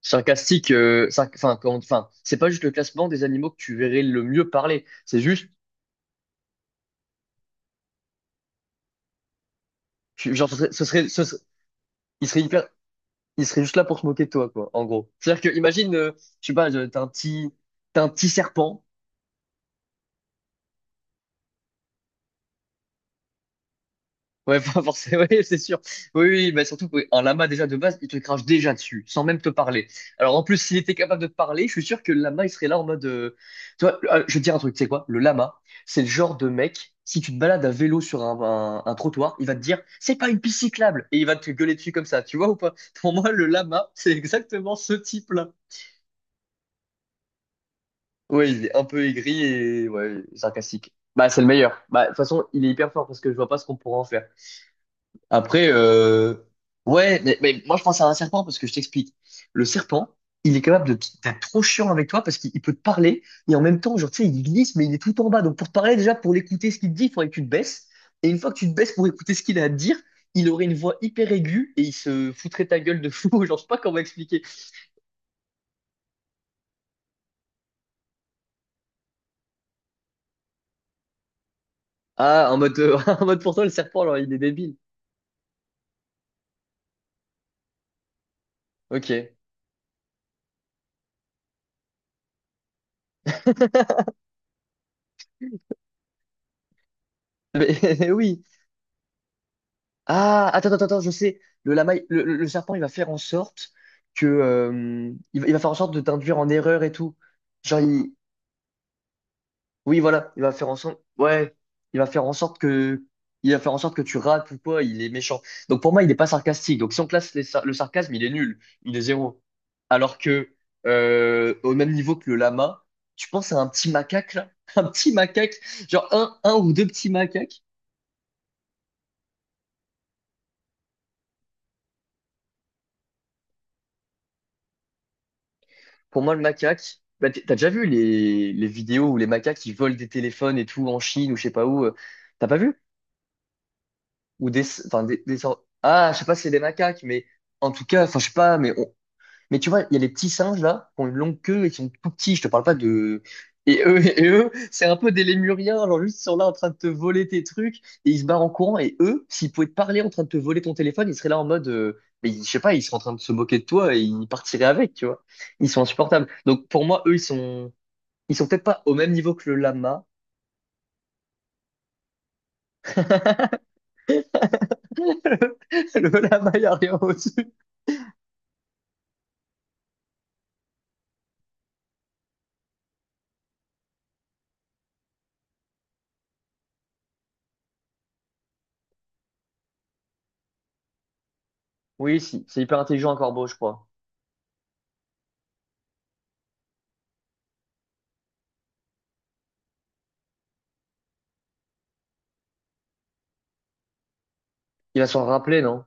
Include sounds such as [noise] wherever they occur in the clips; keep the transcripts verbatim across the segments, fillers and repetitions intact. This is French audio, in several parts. Sarcastique, euh, sarc- enfin, quand- enfin, c'est pas juste le classement des animaux que tu verrais le mieux parler. C'est juste, tu- genre, ce serait, ce serait, ce serait- il serait hyper, il serait juste là pour se moquer de toi, quoi, en gros. C'est-à-dire que, imagine, euh, je sais pas, euh, t'as un petit, t'as un petit serpent. Ouais, [laughs] pas forcément, oui, c'est sûr. Oui, oui, mais surtout qu'un lama déjà de base, il te crache déjà dessus, sans même te parler. Alors en plus, s'il était capable de te parler, je suis sûr que le lama, il serait là en mode... euh, Tu vois, le- ah, je vais te dire un truc, tu sais quoi? Le lama, c'est le genre de mec, si tu te balades à vélo sur un, un- un trottoir, il va te dire, c'est pas une piste cyclable, et il va te gueuler dessus comme ça, tu vois ou pas? Pour moi, le lama, [laughs] c'est exactement ce type-là. Oui, il est un peu aigri et ouais, sarcastique. Bah, c'est le meilleur. Bah, de toute façon, il est hyper fort parce que je vois pas ce qu'on pourra en faire. Après, euh, ouais, mais, mais moi je pense à un serpent parce que je t'explique. Le serpent, il est capable de t- d'être trop chiant avec toi parce qu'il il peut te parler et en même temps, genre, tu sais, il glisse, mais il est tout en bas. Donc pour te parler, déjà, pour l'écouter ce qu'il te dit, il faudrait que tu te baisses. Et une fois que tu te baisses pour écouter ce qu'il a à te dire, il aurait une voix hyper aiguë et il se foutrait ta gueule de fou. [laughs] Genre, je sais pas comment expliquer. Ah, en mode, euh, [laughs] en mode pour toi, le serpent, genre, il est débile. Ok. [laughs] Mais, [laughs] oui. Ah, attends, attends, attends, je sais. Le, lama, il- le, le- le serpent, il va faire en sorte que, euh, il va, il va faire en sorte de t'induire en erreur et tout. Genre, il- oui, voilà, il va faire en sorte, ouais, il va faire en sorte que, il va faire en sorte que tu rates ou quoi. Il est méchant. Donc pour moi, il n'est pas sarcastique. Donc si on classe les sar- le sarcasme, il est nul, il est zéro. Alors que, euh, au même niveau que le lama, tu penses à un petit macaque là, [laughs] un petit macaque, genre un, un ou deux petits macaques. Pour moi, le macaque, bah, t- t'as déjà vu les, les vidéos où les macaques ils volent des téléphones et tout en Chine ou je sais pas où. euh, T'as pas vu? Ou des, enfin des, des sortes- ah, je sais pas si c'est des macaques, mais en tout cas, enfin je sais pas, mais on- mais tu vois, il y a les petits singes là qui ont une longue queue et qui sont tout petits. Je te parle pas de. Et eux [laughs] et eux, c'est un peu des lémuriens, genre juste ils sont là en train de te voler tes trucs et ils se barrent en courant. Et eux, s'ils pouvaient te parler en train de te voler ton téléphone, ils seraient là en mode, euh, mais je sais pas, ils seraient en train de se moquer de toi et ils partiraient avec, tu vois. Ils sont insupportables. Donc pour moi, eux, ils sont ils sont peut-être pas au même niveau que le lama. [laughs] Le lama, il n'y a rien au-dessus. Oui, si, c'est hyper intelligent un corbeau, je crois. Il va s'en rappeler, non?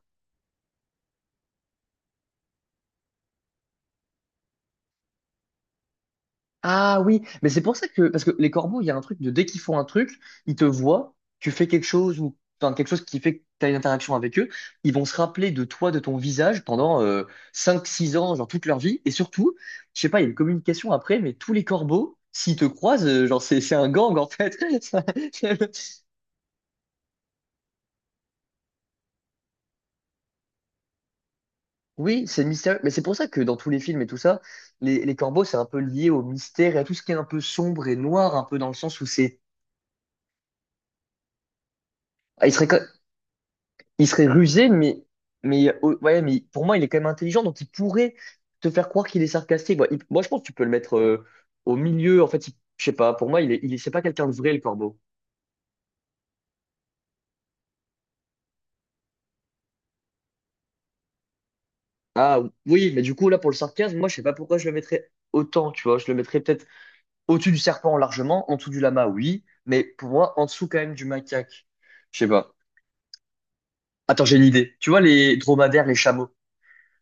Ah oui, mais c'est pour ça que, parce que les corbeaux, il y a un truc de dès qu'ils font un truc, ils te voient, tu fais quelque chose ou, enfin, quelque chose qui fait que tu as une interaction avec eux, ils vont se rappeler de toi, de ton visage pendant euh, cinq six ans, genre toute leur vie. Et surtout, je sais pas, il y a une communication après, mais tous les corbeaux, s'ils te croisent, euh, genre c'est c'est un gang en fait. [laughs] Oui, c'est mystérieux. Mais c'est pour ça que dans tous les films et tout ça, les, les corbeaux, c'est un peu lié au mystère et à tout ce qui est un peu sombre et noir, un peu dans le sens où c'est. Ah, Il serait, quand- il serait rusé, mais, mais, euh, ouais, mais pour moi, il est quand même intelligent, donc il pourrait te faire croire qu'il est sarcastique. Moi, il- moi, je pense que tu peux le mettre euh, au milieu. En fait, il- je sais pas, pour moi, il est, il est- c'est pas quelqu'un de vrai, le corbeau. Ah oui, mais du coup, là, pour le sarcasme, moi, je sais pas pourquoi je le mettrais autant, tu vois. Je le mettrais peut-être au-dessus du serpent largement, en dessous du lama, oui, mais pour moi, en dessous quand même du macaque. Je sais pas. Attends, j'ai une idée. Tu vois les dromadaires, les chameaux.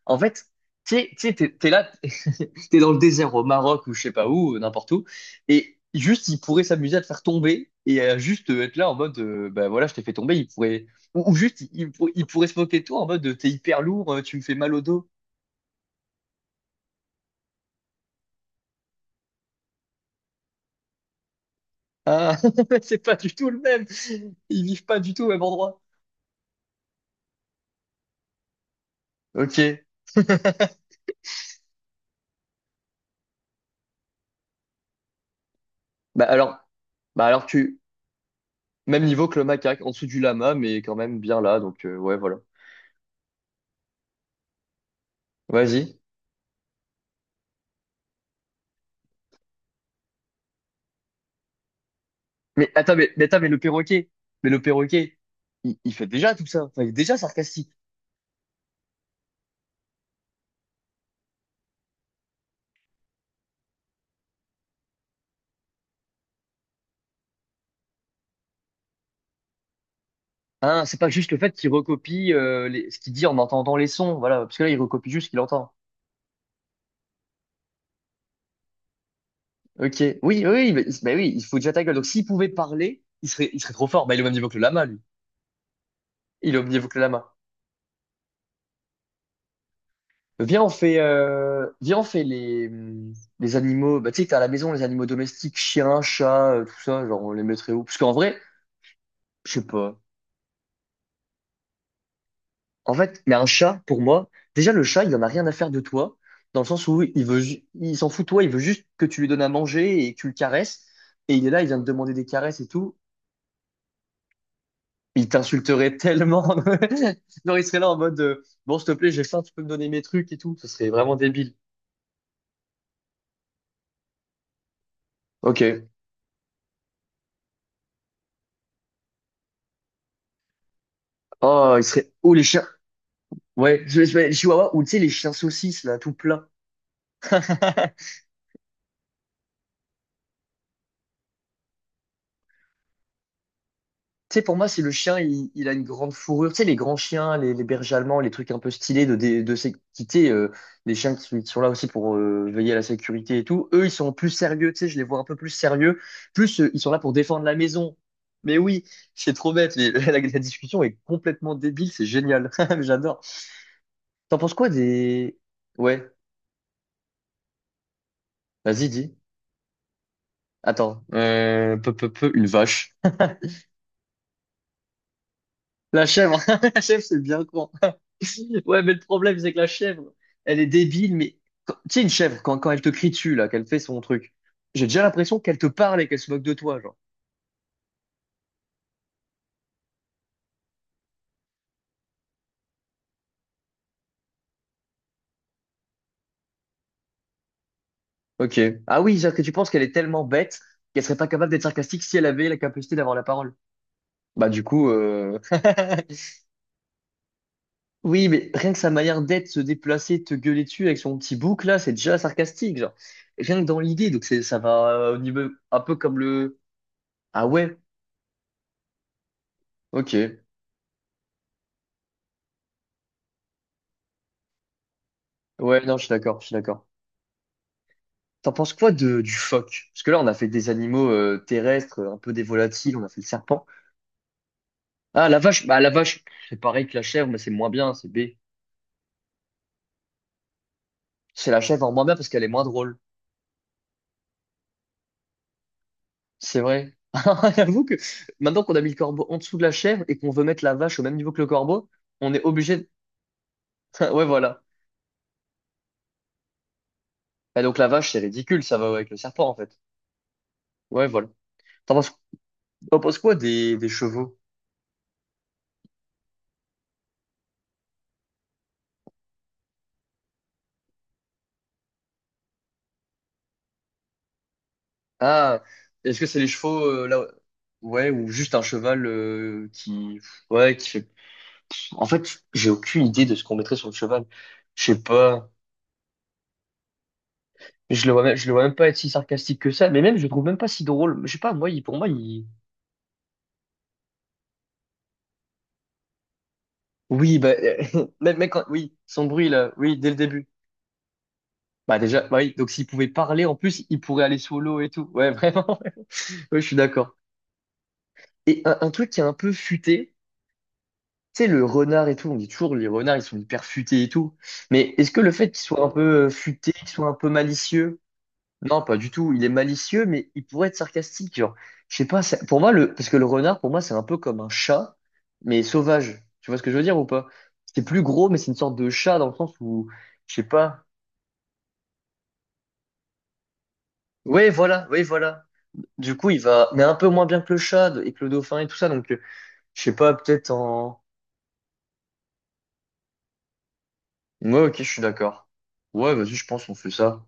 En fait, tu sais, tu sais, t'es, t'es là, [laughs] t'es dans le désert au Maroc ou je sais pas où, euh, n'importe où, et juste ils pourraient s'amuser à te faire tomber et à juste euh, être là en mode, euh, bah voilà, je t'ai fait tomber. Ils pourraient ou, ou juste ils, ils pour- ils pourraient se moquer de toi en mode, euh, t'es hyper lourd, euh, tu me fais mal au dos. Ah, [laughs] c'est pas du tout le même. Ils vivent pas du tout au même endroit. Ok. Bah alors, bah alors tu même niveau que le macaque, en dessous du lama, mais quand même bien là. Donc euh, ouais, voilà. Vas-y. Mais attends, mais, mais attends, mais le perroquet, mais le perroquet, il, il fait déjà tout ça. Enfin, il est déjà sarcastique. Hein, c'est pas juste le fait qu'il recopie euh, les, ce qu'il dit en entendant les sons, voilà, parce que là, il recopie juste ce qu'il entend. Ok, oui, oui, oui, mais, mais oui, il faut déjà ta gueule. Donc, s'il pouvait parler, il serait, il serait trop fort. Bah, il est au même niveau que le lama, lui. Il est au même niveau que le lama. Viens, on fait, euh, viens, on fait les, hum, les animaux. Bah, tu sais, t'as à la maison les animaux domestiques, chiens, chats, euh, tout ça. Genre, on les mettrait où? Parce qu'en vrai, je sais pas. En fait, mais un chat, pour moi, déjà le chat, il en a rien à faire de toi, dans le sens où il veut, ju- il s'en fout de toi, il veut juste que tu lui donnes à manger et que tu le caresses. Et il est là, il vient te demander des caresses et tout. Il t'insulterait tellement. [laughs] Non, il serait là en mode, euh, bon, s'il te plaît, j'ai faim, tu peux me donner mes trucs et tout. Ce serait vraiment débile. Ok. Oh, il serait. Oh, les chiens. Ouais, je, je- les chihuahuas, ou tu sais, les chiens saucisses, là, tout plein. [laughs] Tu sais, pour moi, si le chien, il, il a une grande fourrure, tu sais, les grands chiens, les, les bergers allemands, les trucs un peu stylés de, dé- de, sécurité, euh, les chiens qui sont, qui sont là aussi pour euh, veiller à la sécurité et tout, eux, ils sont plus sérieux, tu sais, je les vois un peu plus sérieux, plus euh, ils sont là pour défendre la maison. Mais oui, c'est trop bête, mais [laughs] la, la discussion est complètement débile, c'est génial, [laughs] j'adore. T'en penses quoi des. Ouais, vas-y, dis. Attends, euh, peu, peu, peu, une vache. La chèvre, [laughs] la chèvre, c'est bien con. [laughs] Ouais, mais le problème, c'est que la chèvre, elle est débile, mais quand- tu sais, une chèvre, quand, quand elle te crie dessus, là, qu'elle fait son truc, j'ai déjà l'impression qu'elle te parle et qu'elle se moque de toi, genre. Ok. Ah oui, c'est-à-dire que tu penses qu'elle est tellement bête qu'elle serait pas capable d'être sarcastique si elle avait la capacité d'avoir la parole. Bah, du coup, euh... [laughs] oui, mais rien que sa manière d'être, se déplacer, te gueuler dessus avec son petit bouc, là, c'est déjà sarcastique, genre. Rien que dans l'idée, donc c'est, ça va euh, au niveau un peu comme le. Ah ouais, ok. Ouais, non, je suis d'accord, je suis d'accord. T'en penses quoi de, du phoque? Parce que là, on a fait des animaux euh, terrestres, un peu des volatiles, on a fait le serpent. Ah, la vache, bah la vache, c'est pareil que la chèvre, mais c'est moins bien, c'est B. C'est la chèvre en moins bien parce qu'elle est moins drôle. C'est vrai. [laughs] J'avoue que maintenant qu'on a mis le corbeau en dessous de la chèvre et qu'on veut mettre la vache au même niveau que le corbeau, on est obligé de. [laughs] Ouais, voilà. Et donc la vache, c'est ridicule, ça va avec le serpent, en fait. Ouais, voilà. T'en penses, t'en penses quoi des, des chevaux? Ah, est-ce que c'est les chevaux euh, là? Ouais, ou juste un cheval euh, qui, ouais, qui fait. En fait, j'ai aucune idée de ce qu'on mettrait sur le cheval. Je sais pas. Je le vois même, je le vois même pas être si sarcastique que ça. Mais même, je le trouve même pas si drôle. Je sais pas. Moi, il- pour moi, il. Oui, bah, [laughs] même, même quand, oui, son bruit là, oui, dès le début. Bah déjà, bah oui. Donc s'il pouvait parler en plus, il pourrait aller solo et tout. Ouais, [laughs] vraiment. Ouais, je suis d'accord. Et un, un truc qui est un peu futé. Tu sais, le renard et tout, on dit toujours les renards, ils sont hyper futés et tout. Mais est-ce que le fait qu'il soit un peu euh, futé, qu'il soit un peu malicieux? Non, pas du tout. Il est malicieux, mais il pourrait être sarcastique. Genre, je sais pas, ça- pour moi, le, parce que le renard, pour moi, c'est un peu comme un chat, mais sauvage. Tu vois ce que je veux dire ou pas? C'est plus gros, mais c'est une sorte de chat dans le sens où, je sais pas. Oui, voilà, oui, voilà. Du coup, il va, mais un peu moins bien que le chat et que le dauphin et tout ça. Donc, euh, je sais pas, peut-être en. Ouais, ok, je suis d'accord. Ouais, vas-y, je pense qu'on fait ça.